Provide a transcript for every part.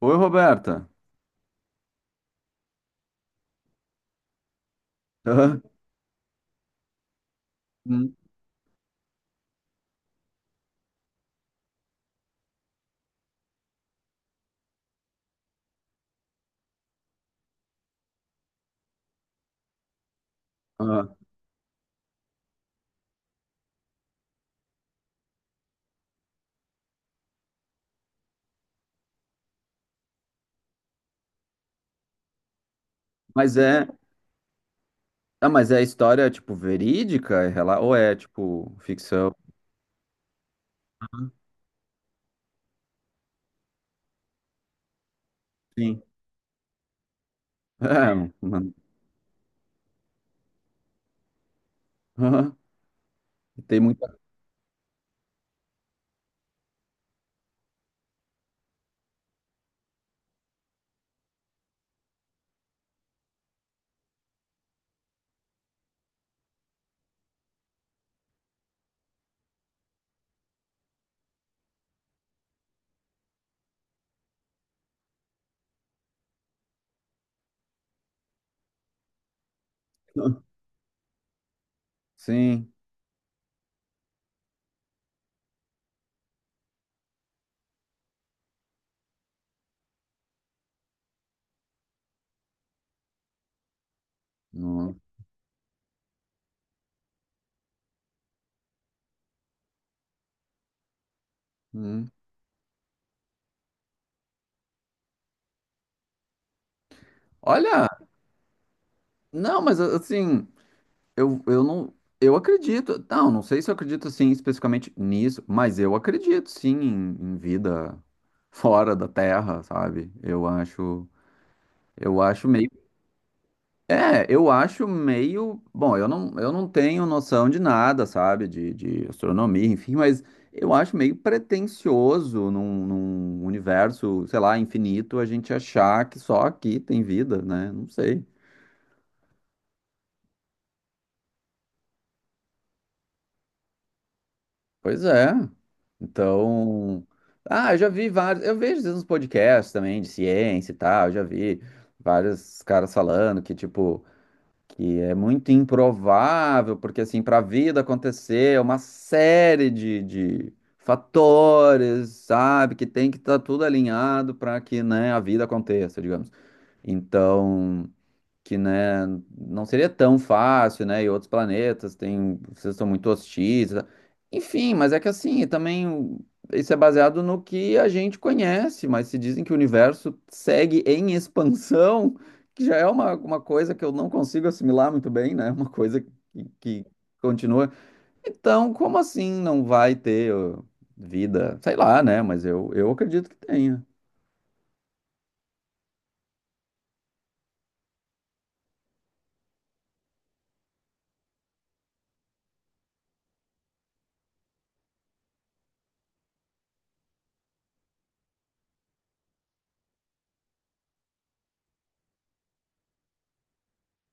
Oi, Roberta. Hã? Hum, hã. Mas é, ah, mas é história tipo verídica, ou é tipo ficção? Aham. Sim. É, mano. Aham. Tem muita. Sim. Hum, hum. Olha, não, mas assim, eu, eu não, eu acredito. Não, não sei se eu acredito assim especificamente nisso, mas eu acredito sim em vida fora da Terra, sabe? Eu acho meio. É, eu acho meio. Bom, eu não tenho noção de nada, sabe? De astronomia, enfim, mas eu acho meio pretensioso num universo, sei lá, infinito, a gente achar que só aqui tem vida, né? Não sei. Pois é. Então. Ah, eu já vi vários. Eu vejo às vezes uns podcasts também de ciência e tal, eu já vi vários caras falando que, tipo, que é muito improvável, porque assim, para a vida acontecer, é uma série de fatores, sabe, que tem que estar tudo alinhado para que, né, a vida aconteça, digamos. Então, que, né, não seria tão fácil, né? E outros planetas têm, vocês são muito hostis, tá? Enfim, mas é que assim, também isso é baseado no que a gente conhece, mas se dizem que o universo segue em expansão, que já é uma coisa que eu não consigo assimilar muito bem, né? Uma coisa que continua. Então, como assim não vai ter ó, vida? Sei lá, né? Mas eu acredito que tenha.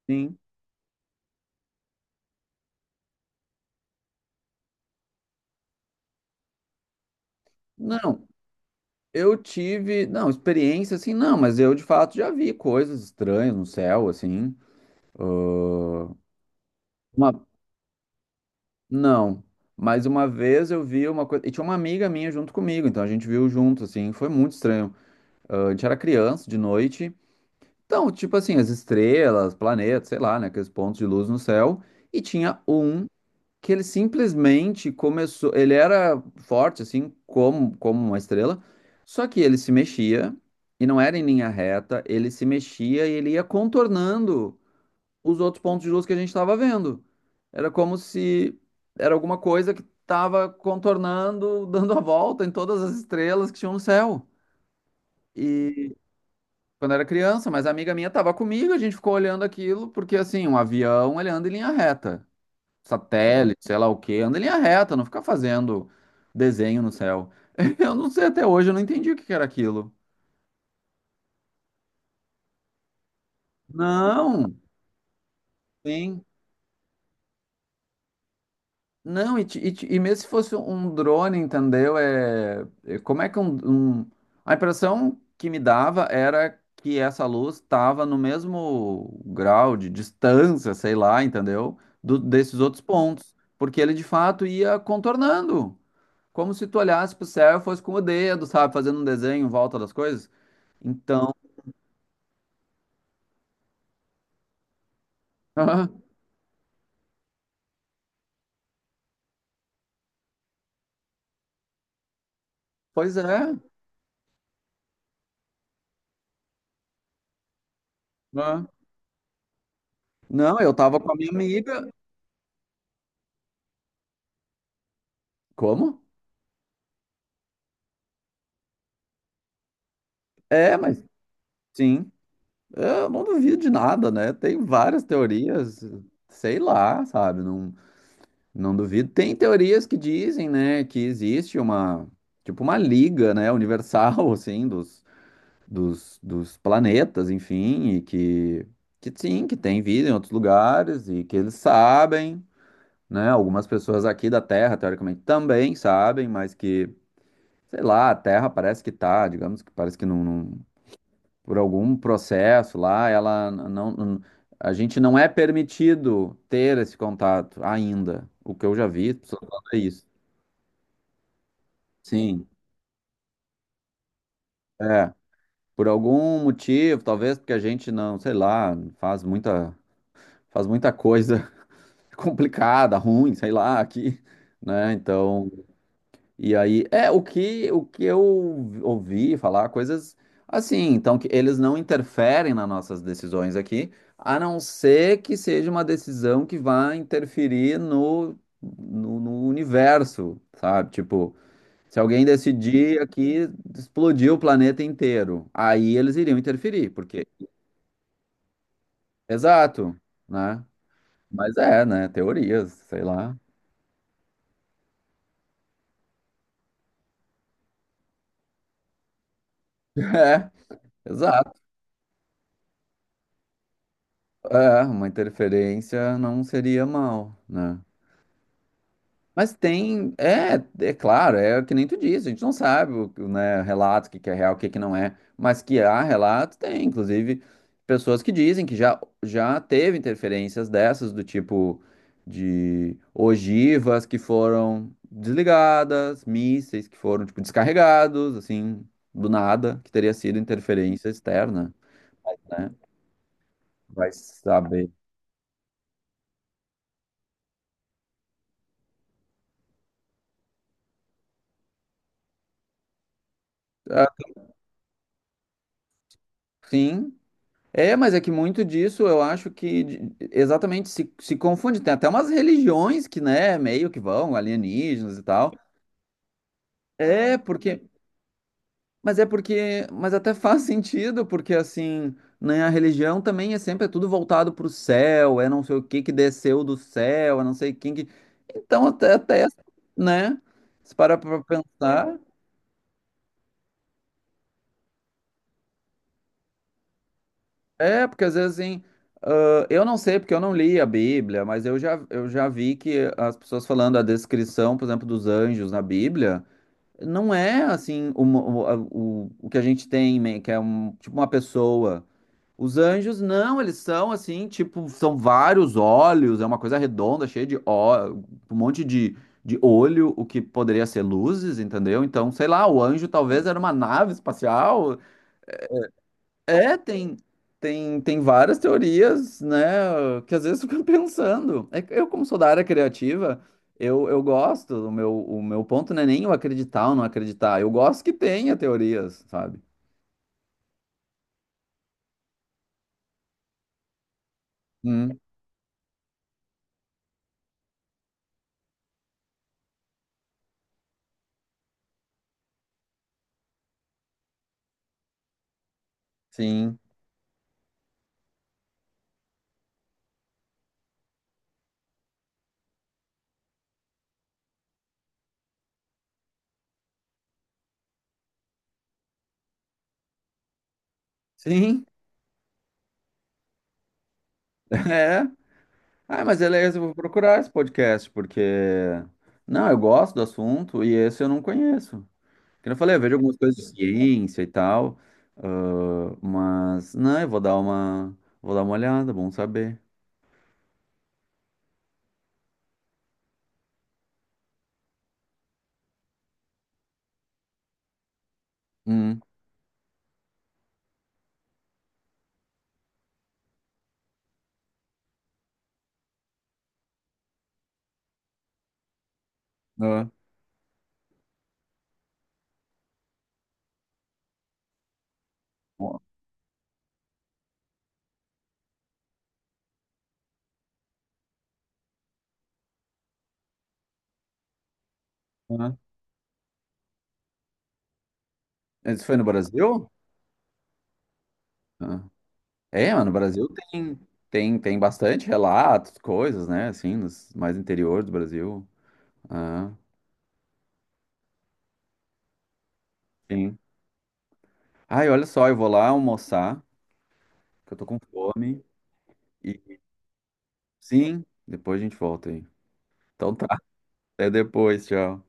Sim. Não. Eu tive, não, experiência assim, não, mas eu de fato já vi coisas estranhas no céu, assim. Uma, não, mas uma vez eu vi uma coisa, e tinha uma amiga minha junto comigo, então a gente viu junto, assim, foi muito estranho. Ah, a gente era criança de noite, então, tipo assim, as estrelas, planetas, sei lá, né, aqueles pontos de luz no céu, e tinha um que ele simplesmente começou. Ele era forte, assim, como uma estrela, só que ele se mexia e não era em linha reta, ele se mexia e ele ia contornando os outros pontos de luz que a gente estava vendo. Era como se era alguma coisa que estava contornando, dando a volta em todas as estrelas que tinham no céu. E quando era criança, mas a amiga minha estava comigo, a gente ficou olhando aquilo, porque assim, um avião ele anda em linha reta. Satélite, sei lá o quê, anda em linha reta, não fica fazendo desenho no céu. Eu não sei até hoje, eu não entendi o que que era aquilo. Não, sim. Não, e mesmo se fosse um drone, entendeu? É, como é que um- A impressão que me dava era que essa luz estava no mesmo grau de distância, sei lá, entendeu? Desses outros pontos. Porque ele de fato ia contornando. Como se tu olhasse pro céu e fosse com o dedo, sabe? Fazendo um desenho em volta das coisas. Então, pois é. Ah. Não, eu tava com a minha amiga. Como? É, mas sim. Eu não duvido de nada, né? Tem várias teorias, sei lá, sabe? Não, não duvido. Tem teorias que dizem, né, que existe uma liga, né, universal, assim, dos planetas, enfim, e que sim, que tem vida em outros lugares e que eles sabem. Né? Algumas pessoas aqui da Terra, teoricamente, também sabem, mas que, sei lá, a Terra parece que tá, digamos que parece que não, por algum processo lá, ela não, a gente não é permitido ter esse contato ainda. O que eu já vi, as pessoas falando é isso. Sim, é. Por algum motivo, talvez porque a gente não, sei lá, faz muita coisa complicada, ruim, sei lá, aqui, né? Então. E aí, é o que eu ouvi falar, coisas assim, então que eles não interferem nas nossas decisões aqui, a não ser que seja uma decisão que vá interferir no universo, sabe? Tipo, se alguém decidir aqui explodir o planeta inteiro, aí eles iriam interferir, porque exato, né? Mas é, né? Teorias, sei lá. É, exato. É, uma interferência não seria mal, né? Mas tem, é, é claro, é que nem tu disse, a gente não sabe, né, relatos, o que que é real, o que que não é, mas que há relatos, tem, inclusive, pessoas que dizem que já teve interferências dessas, do tipo de ogivas que foram desligadas, mísseis que foram, tipo, descarregados, assim, do nada, que teria sido interferência externa, né? Vai saber. Ah, sim. É, mas é que muito disso eu acho que exatamente se confunde. Tem até umas religiões que, né, meio que vão, alienígenas e tal. É, porque. Mas é porque. Mas até faz sentido, porque assim, né, a religião também é sempre é tudo voltado pro céu, é não sei o que que desceu do céu, é não sei quem que. Então até né? Se parar pra pensar. É, porque às vezes assim, ah, eu não sei porque eu não li a Bíblia, mas eu já vi que as pessoas falando a descrição, por exemplo, dos anjos na Bíblia, não é assim o que a gente tem, que é tipo uma pessoa. Os anjos não, eles são assim, tipo, são vários olhos, é uma coisa redonda, cheia de ó, um monte de olho, o que poderia ser luzes, entendeu? Então, sei lá, o anjo talvez era uma nave espacial, é, tem várias teorias, né, que às vezes eu fico pensando. É que eu, como sou da área criativa, eu gosto, o meu ponto não é nem eu acreditar ou não acreditar, eu gosto que tenha teorias, sabe? Hum, sim, sim, é. Ah, mas beleza, eu vou procurar esse podcast, porque... Não, eu gosto do assunto e esse eu não conheço. Como eu falei, eu vejo algumas coisas de ciência e tal, ah, mas, não, eu vou dar uma olhada, bom saber. Hum, ah, ah. Isso foi no Brasil? Ah. É, mas no Brasil tem, tem bastante relatos, coisas, né? Assim, nos mais interior do Brasil. Ah, sim. Ai, olha só, eu vou lá almoçar, que eu tô com fome. E sim, depois a gente volta aí. Então tá, até depois, tchau.